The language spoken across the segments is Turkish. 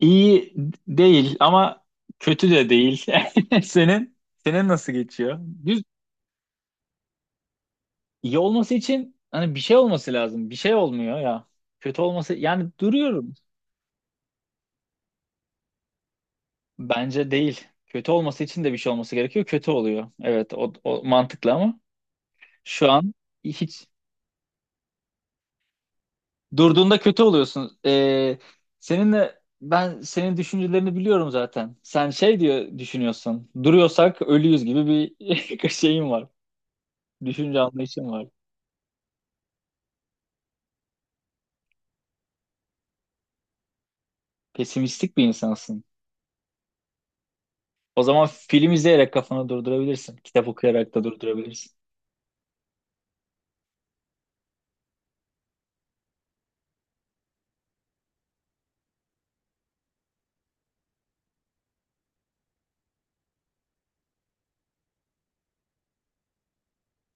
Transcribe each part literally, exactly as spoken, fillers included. İyi değil ama kötü de değil. Senin senin nasıl geçiyor? Düz iyi olması için hani bir şey olması lazım. Bir şey olmuyor ya. Kötü olması yani duruyorum. Bence değil. Kötü olması için de bir şey olması gerekiyor. Kötü oluyor. Evet o, o mantıklı ama şu an hiç durduğunda kötü oluyorsun. Ee, seninle ben senin düşüncelerini biliyorum zaten. Sen şey diyor düşünüyorsun. Duruyorsak ölüyüz gibi bir şeyim var. Düşünce anlayışım var. Pesimistik bir insansın. O zaman film izleyerek kafanı durdurabilirsin. Kitap okuyarak da durdurabilirsin.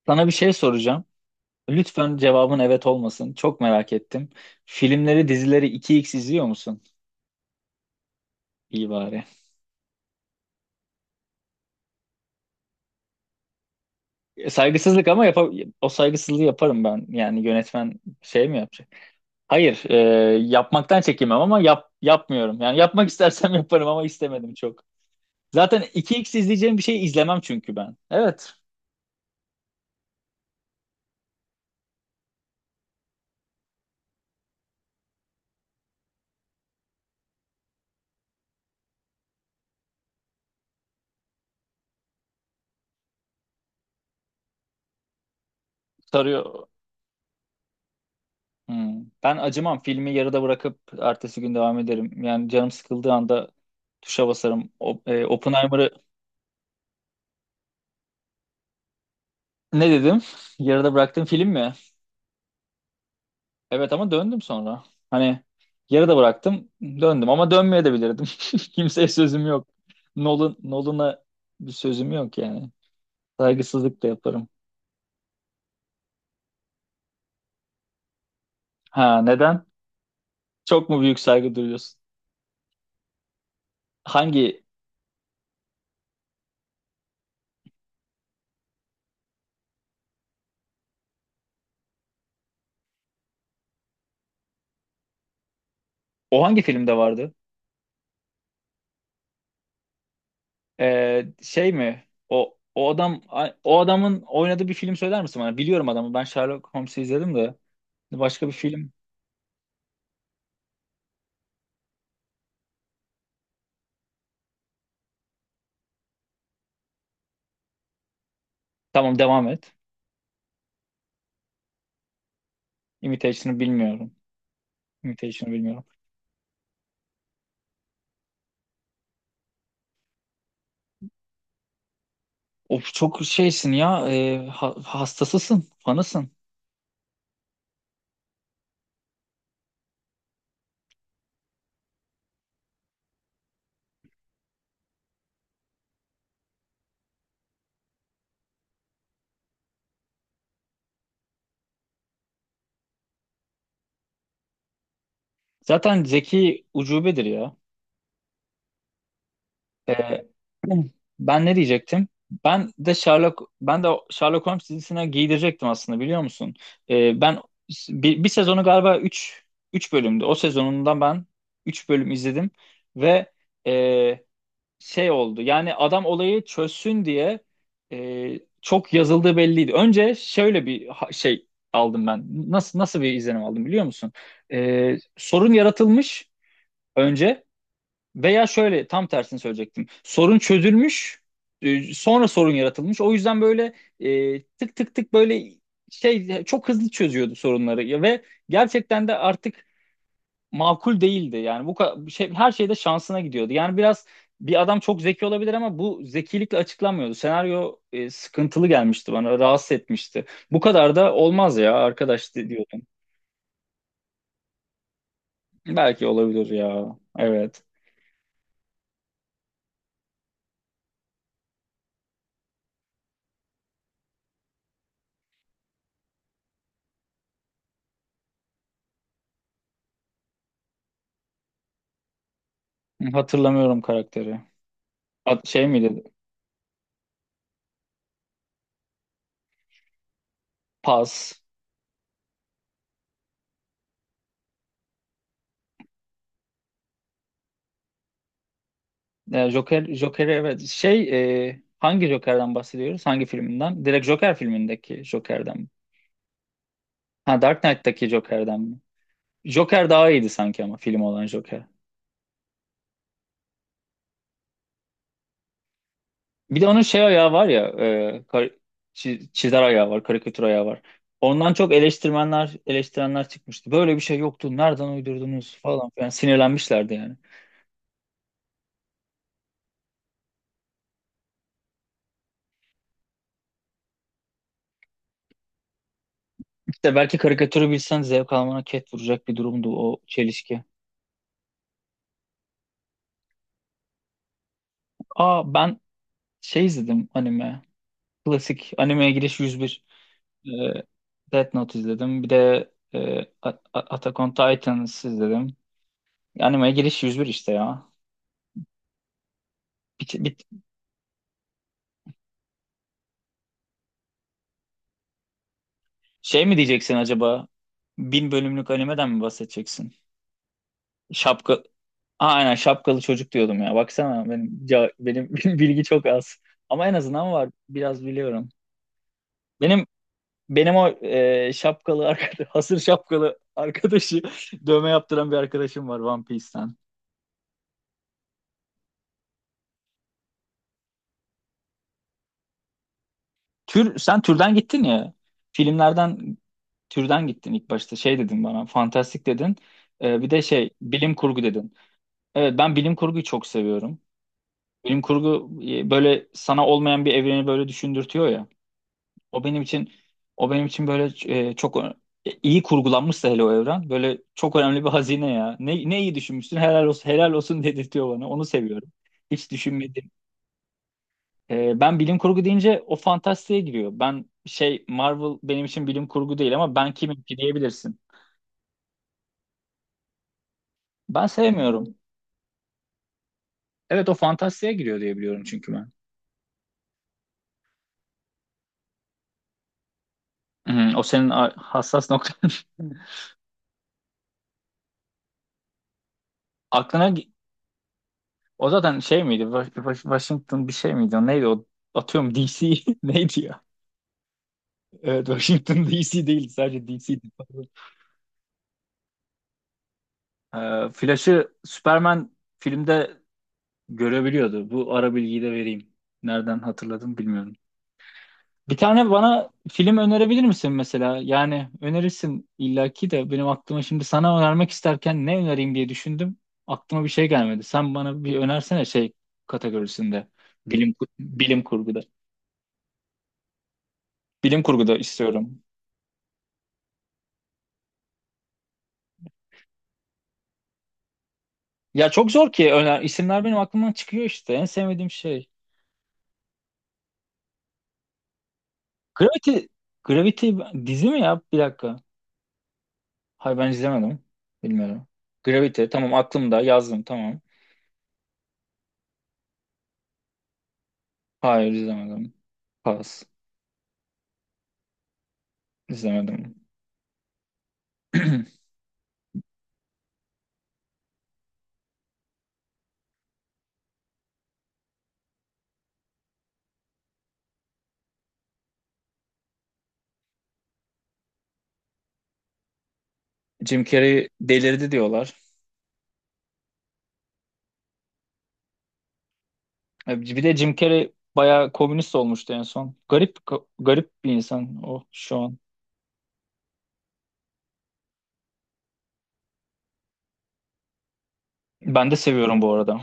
Sana bir şey soracağım. Lütfen cevabın evet olmasın. Çok merak ettim. Filmleri, dizileri iki x izliyor musun? İyi bari. E, Saygısızlık ama yapa o saygısızlığı yaparım ben. Yani yönetmen şey mi yapacak? Hayır, e, yapmaktan çekinmem ama yap yapmıyorum. Yani yapmak istersem yaparım ama istemedim çok. Zaten iki x izleyeceğim bir şey izlemem çünkü ben. Evet, sarıyor. Hmm. Ben acımam. Filmi yarıda bırakıp ertesi gün devam ederim. Yani canım sıkıldığı anda tuşa basarım. O, e, Oppenheimer'ı ne dedim? Yarıda bıraktığım film mi? Evet ama döndüm sonra. Hani yarıda bıraktım, döndüm ama dönmeye de bilirdim. Kimseye sözüm yok. Nolan, Nolan'a bir sözüm yok yani. Saygısızlık da yaparım. Ha neden? Çok mu büyük saygı duyuyorsun? Hangi O hangi filmde vardı? Ee, şey mi? O o adam o adamın oynadığı bir film söyler misin bana? Biliyorum adamı. Ben Sherlock Holmes'u izledim de. Başka bir film. Tamam devam et. Imitation'ı bilmiyorum. Imitation'ı bilmiyorum. Of çok şeysin ya. E, ha- hastasısın. Fanısın. Zaten zeki ucubedir ya. Ee, Ben ne diyecektim? Ben de Sherlock ben de Sherlock Holmes dizisine giydirecektim aslında biliyor musun? Ee, ben bir, bir sezonu galiba üç üç bölümdü. O sezonundan ben üç bölüm izledim ve e, şey oldu. Yani adam olayı çözsün diye e, çok yazıldığı belliydi. Önce şöyle bir ha- şey aldım ben. Nasıl nasıl bir izlenim aldım biliyor musun? Ee, sorun yaratılmış önce. Veya şöyle tam tersini söyleyecektim. Sorun çözülmüş, e, sonra sorun yaratılmış. O yüzden böyle e, tık tık tık böyle şey çok hızlı çözüyordu sorunları. Ya ve gerçekten de artık makul değildi. Yani bu ka- şey her şeyde şansına gidiyordu. Yani biraz bir adam çok zeki olabilir ama bu zekilikle açıklanmıyordu. Senaryo e, sıkıntılı gelmişti bana, rahatsız etmişti. Bu kadar da olmaz ya arkadaş di- diyordum. Belki olabilir ya. Evet. Hatırlamıyorum karakteri. Ad- Şey miydi? Paz. E, Joker, Joker'i evet. Şey e, hangi Joker'den bahsediyoruz? Hangi filminden? Direkt Joker filmindeki Joker'den mi? Ha Dark Knight'taki Joker'den mi? Joker daha iyiydi sanki ama film olan Joker. Bir de onun şey ayağı var ya, e, kar- çi- çizer ayağı var, karikatür ayağı var. Ondan çok eleştirmenler eleştirenler çıkmıştı. Böyle bir şey yoktu. Nereden uydurdunuz falan filan. Sinirlenmişlerdi yani. İşte belki karikatürü bilsen zevk almana ket vuracak bir durumdu o çelişki. Aa ben şey izledim anime. Klasik animeye giriş yüz bir. Ee, Death Note izledim. Bir de e, A- A- Attack on Titans izledim. Animeye giriş yüz bir işte ya. Bir, bir- Şey mi diyeceksin acaba? Bin bölümlük animeden mi bahsedeceksin? Şapka... Aa, aynen şapkalı çocuk diyordum ya. Baksana benim ca- benim bilgi çok az. Ama en azından var. Biraz biliyorum. Benim Benim o e, şapkalı arkadaş, hasır şapkalı arkadaşı dövme yaptıran bir arkadaşım var One Piece'ten. Tür, sen türden gittin ya. Filmlerden türden gittin ilk başta. Şey dedin bana, fantastik dedin. E, bir de şey, bilim kurgu dedin. Evet, ben bilim kurguyu çok seviyorum. Bilim kurgu e, böyle sana olmayan bir evreni böyle düşündürtüyor ya. O benim için o benim için böyle e, çok ö- iyi kurgulanmışsa hele o evren böyle çok önemli bir hazine ya. Ne, ne iyi düşünmüşsün helal olsun helal olsun dedirtiyor bana. Onu seviyorum. Hiç düşünmedim. E, ben bilim kurgu deyince o fantastiğe giriyor. Ben şey Marvel benim için bilim kurgu değil ama ben kimim ki diyebilirsin. Ben sevmiyorum. Evet o fantastiğe giriyor diye biliyorum çünkü ben. Hmm, o senin a- hassas noktan. Aklına gi- O zaten şey miydi? Wa- Wa- Washington bir şey miydi? O neydi o? Atıyorum D C neydi ya? Evet Washington D C değildi, sadece D C'ydi. Pardon. Ee, Flash'ı Superman filmde görebiliyordu. Bu ara bilgiyi de vereyim. Nereden hatırladım bilmiyorum. Bir tane bana film önerebilir misin mesela? Yani önerirsin illaki de benim aklıma şimdi sana önermek isterken ne önereyim diye düşündüm. Aklıma bir şey gelmedi. Sen bana bir önersene şey kategorisinde. Bilim bilim kurguda. Bilim kurguda istiyorum. Ya çok zor ki öner, isimler benim aklımdan çıkıyor işte. En sevmediğim şey. Gravity, Gravity dizi mi ya? Bir dakika. Hayır ben izlemedim. Bilmiyorum. Gravity tamam, aklımda yazdım tamam. Hayır izlemedim. Pas. İzlemedim. Jim Carrey delirdi diyorlar. E, Bir de Jim Carrey bayağı komünist olmuştu en son. Garip garip bir insan o şu an. Ben de seviyorum bu arada.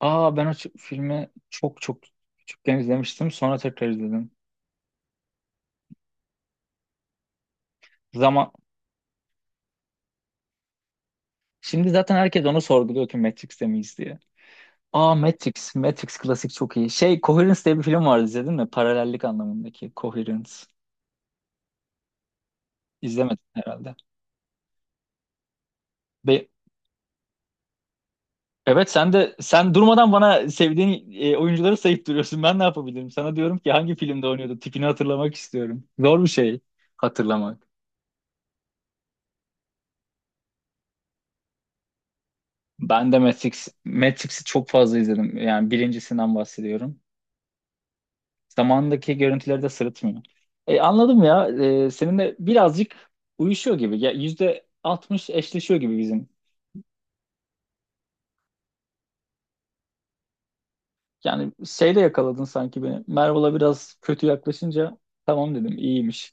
Aa ben o ç- filmi çok çok küçükken izlemiştim. Sonra tekrar izledim. Zaman Şimdi zaten herkes onu sorguluyor ki Matrix'te miyiz diye. Aa Matrix. Matrix klasik çok iyi. Şey Coherence diye bir film vardı, izledin mi? Paralellik anlamındaki Coherence. İzlemedin herhalde. Be- evet sen de sen durmadan bana sevdiğin e, oyuncuları sayıp duruyorsun. Ben ne yapabilirim? Sana diyorum ki hangi filmde oynuyordu? Tipini hatırlamak istiyorum. Zor bir şey hatırlamak. Ben de Matrix, Matrix'i çok fazla izledim. Yani birincisinden bahsediyorum. Zamanındaki görüntüleri de sırıtmıyor. E, anladım ya. E, seninle birazcık uyuşuyor gibi. Ya, yüzde altmış eşleşiyor gibi bizim. Yani şeyle yakaladın sanki beni. Merve'la biraz kötü yaklaşınca tamam dedim iyiymiş.